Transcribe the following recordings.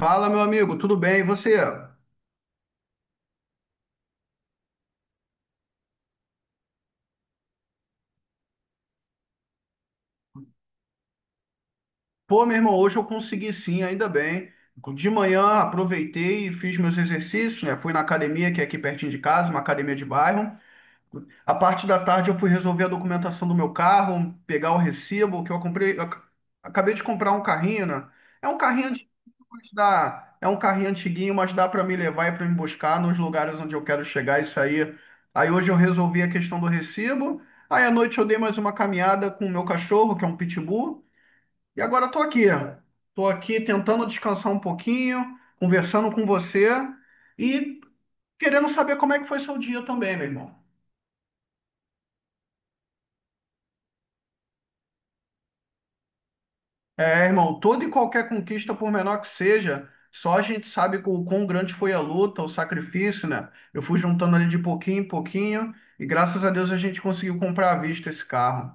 Fala, meu amigo, tudo bem? E você? Pô, meu irmão, hoje eu consegui sim, ainda bem. De manhã aproveitei e fiz meus exercícios, né? Fui na academia, que é aqui pertinho de casa, uma academia de bairro. A parte da tarde eu fui resolver a documentação do meu carro, pegar o recibo que eu comprei. Acabei de comprar um carrinho, né? É um carrinho antiguinho, mas dá, É um carrinho antiguinho, mas dá para me levar e para me buscar nos lugares onde eu quero chegar e sair. Aí hoje eu resolvi a questão do recibo. Aí à noite eu dei mais uma caminhada com o meu cachorro, que é um pitbull, e agora estou aqui. Estou aqui tentando descansar um pouquinho, conversando com você e querendo saber como é que foi seu dia também, meu irmão. É, irmão, toda e qualquer conquista, por menor que seja, só a gente sabe o quão grande foi a luta, o sacrifício, né? Eu fui juntando ali de pouquinho em pouquinho e graças a Deus a gente conseguiu comprar à vista esse carro.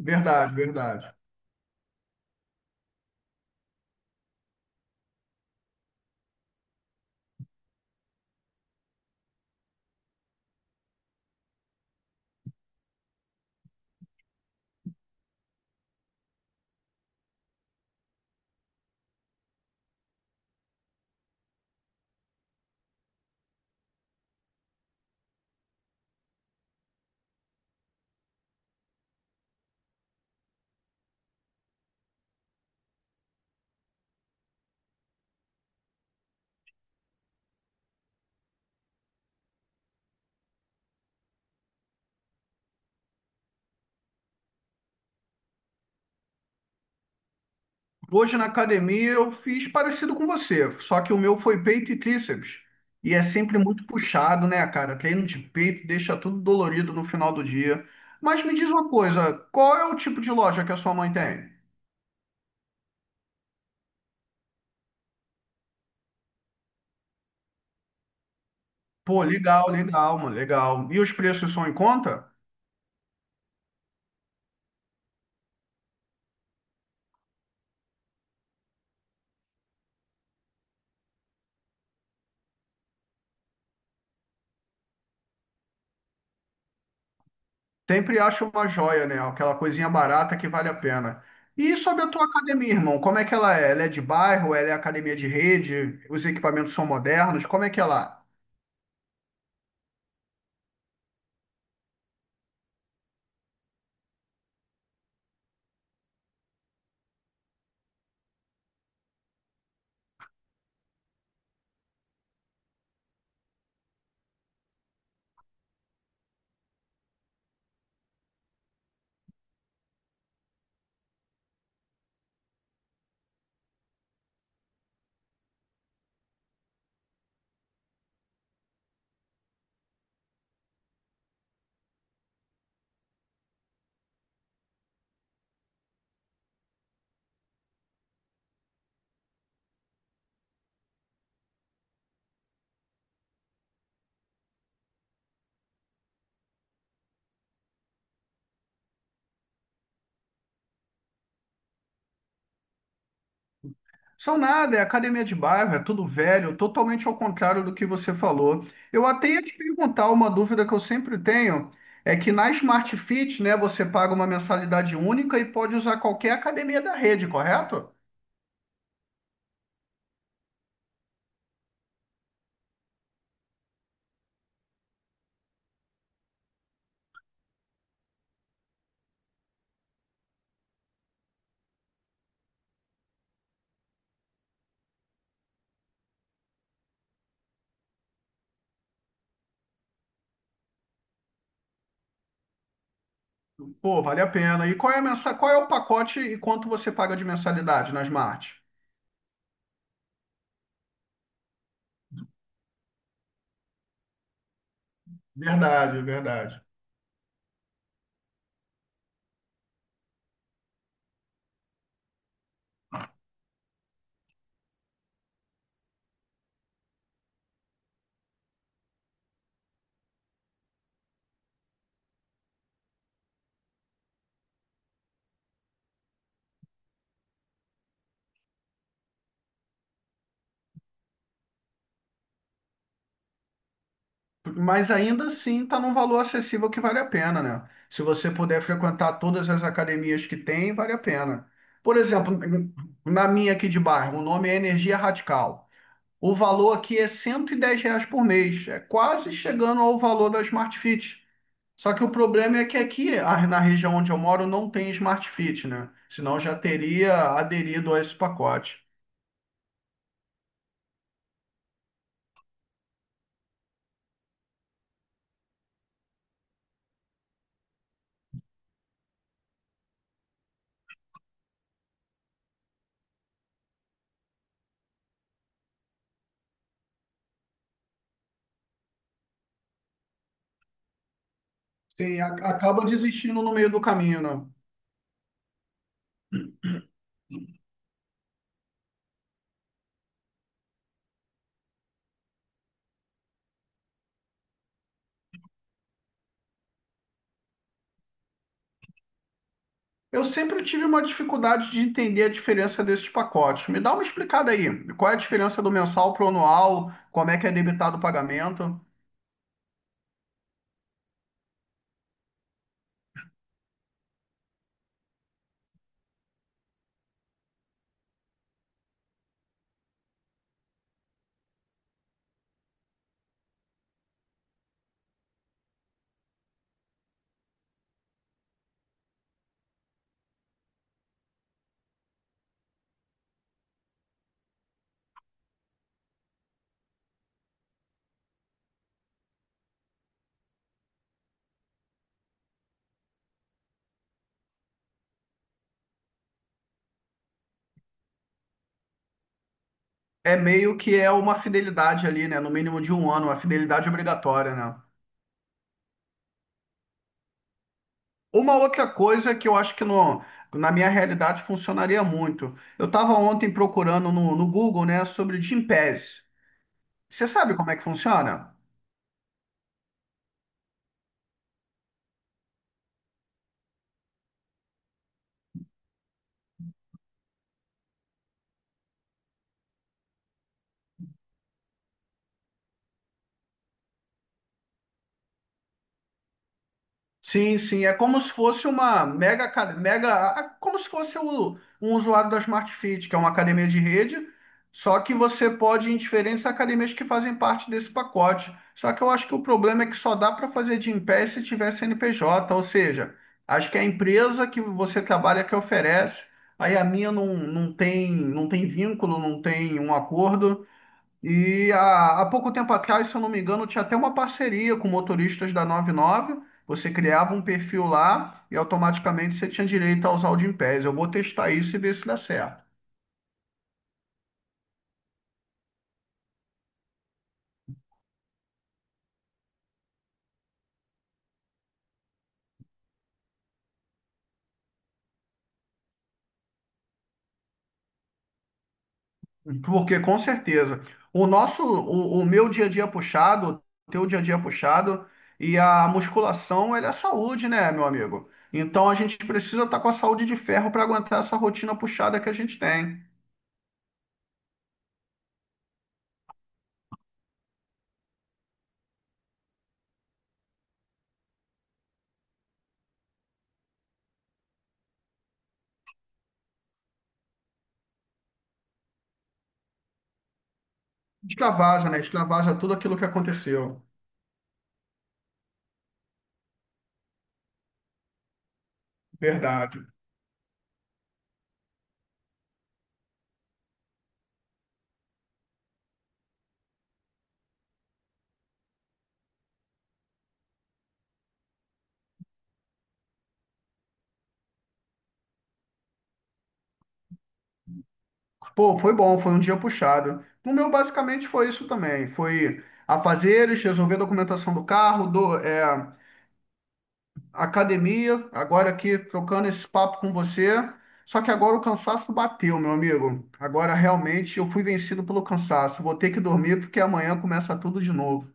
Verdade, verdade. Hoje na academia eu fiz parecido com você, só que o meu foi peito e tríceps. E é sempre muito puxado, né, cara? Treino de peito deixa tudo dolorido no final do dia. Mas me diz uma coisa, qual é o tipo de loja que a sua mãe tem? Pô, legal, legal, mano, legal. E os preços são em conta? Sempre acho uma joia, né? Aquela coisinha barata que vale a pena. E sobre a tua academia, irmão, como é que ela é? Ela é de bairro? Ela é academia de rede? Os equipamentos são modernos? Como é que ela é? São nada, é academia de bairro, é tudo velho, totalmente ao contrário do que você falou. Eu até ia te perguntar uma dúvida que eu sempre tenho, é que na Smart Fit, né, você paga uma mensalidade única e pode usar qualquer academia da rede, correto? Pô, vale a pena. E qual é a mensa... qual é o pacote e quanto você paga de mensalidade na Smart? Verdade, verdade. Mas ainda assim está num valor acessível que vale a pena, né? Se você puder frequentar todas as academias que tem, vale a pena. Por exemplo, na minha aqui de bairro, o nome é Energia Radical. O valor aqui é R$ 110 por mês, é quase chegando ao valor da Smart Fit. Só que o problema é que aqui, na região onde eu moro, não tem Smart Fit, né? Senão eu já teria aderido a esse pacote. Sim, acaba desistindo no meio do caminho, né? Eu sempre tive uma dificuldade de entender a diferença desses pacotes. Me dá uma explicada aí. Qual é a diferença do mensal para o anual? Como é que é debitado o pagamento? É meio que é uma fidelidade ali, né? No mínimo de um ano, uma fidelidade obrigatória, né? Uma outra coisa que eu acho que no, na minha realidade funcionaria muito. Eu estava ontem procurando no Google, né, sobre Gympass. Você sabe como é que funciona? Sim, sim, é como se fosse uma mega, aca- mega, a- como se fosse um usuário da Smart Fit, que é uma academia de rede, só que você pode ir em diferentes academias que fazem parte desse pacote. Só que eu acho que o problema é que só dá para fazer de em pé se tiver CNPJ, ou seja, acho que é a empresa que você trabalha que oferece, aí a minha não, não tem vínculo, não tem um acordo, e há pouco tempo atrás, se eu não me engano, tinha até uma parceria com motoristas da 99. Você criava um perfil lá e automaticamente você tinha direito a usar o Gympass. Eu vou testar isso e ver se dá certo. Porque com certeza, o nosso, o meu dia a dia puxado, o teu dia a dia puxado e a musculação, ela é saúde, né, meu amigo? Então a gente precisa estar com a saúde de ferro para aguentar essa rotina puxada que a gente tem. Extravasa, né? Extravasa tudo aquilo que aconteceu. Verdade. Pô, foi bom, foi um dia puxado. O meu, basicamente, foi isso também. Foi afazeres, resolver a documentação do carro, academia, agora aqui trocando esse papo com você. Só que agora o cansaço bateu, meu amigo. Agora, realmente, eu fui vencido pelo cansaço. Vou ter que dormir porque amanhã começa tudo de novo.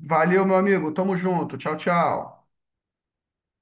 Valeu, meu amigo. Tamo junto. Tchau, tchau.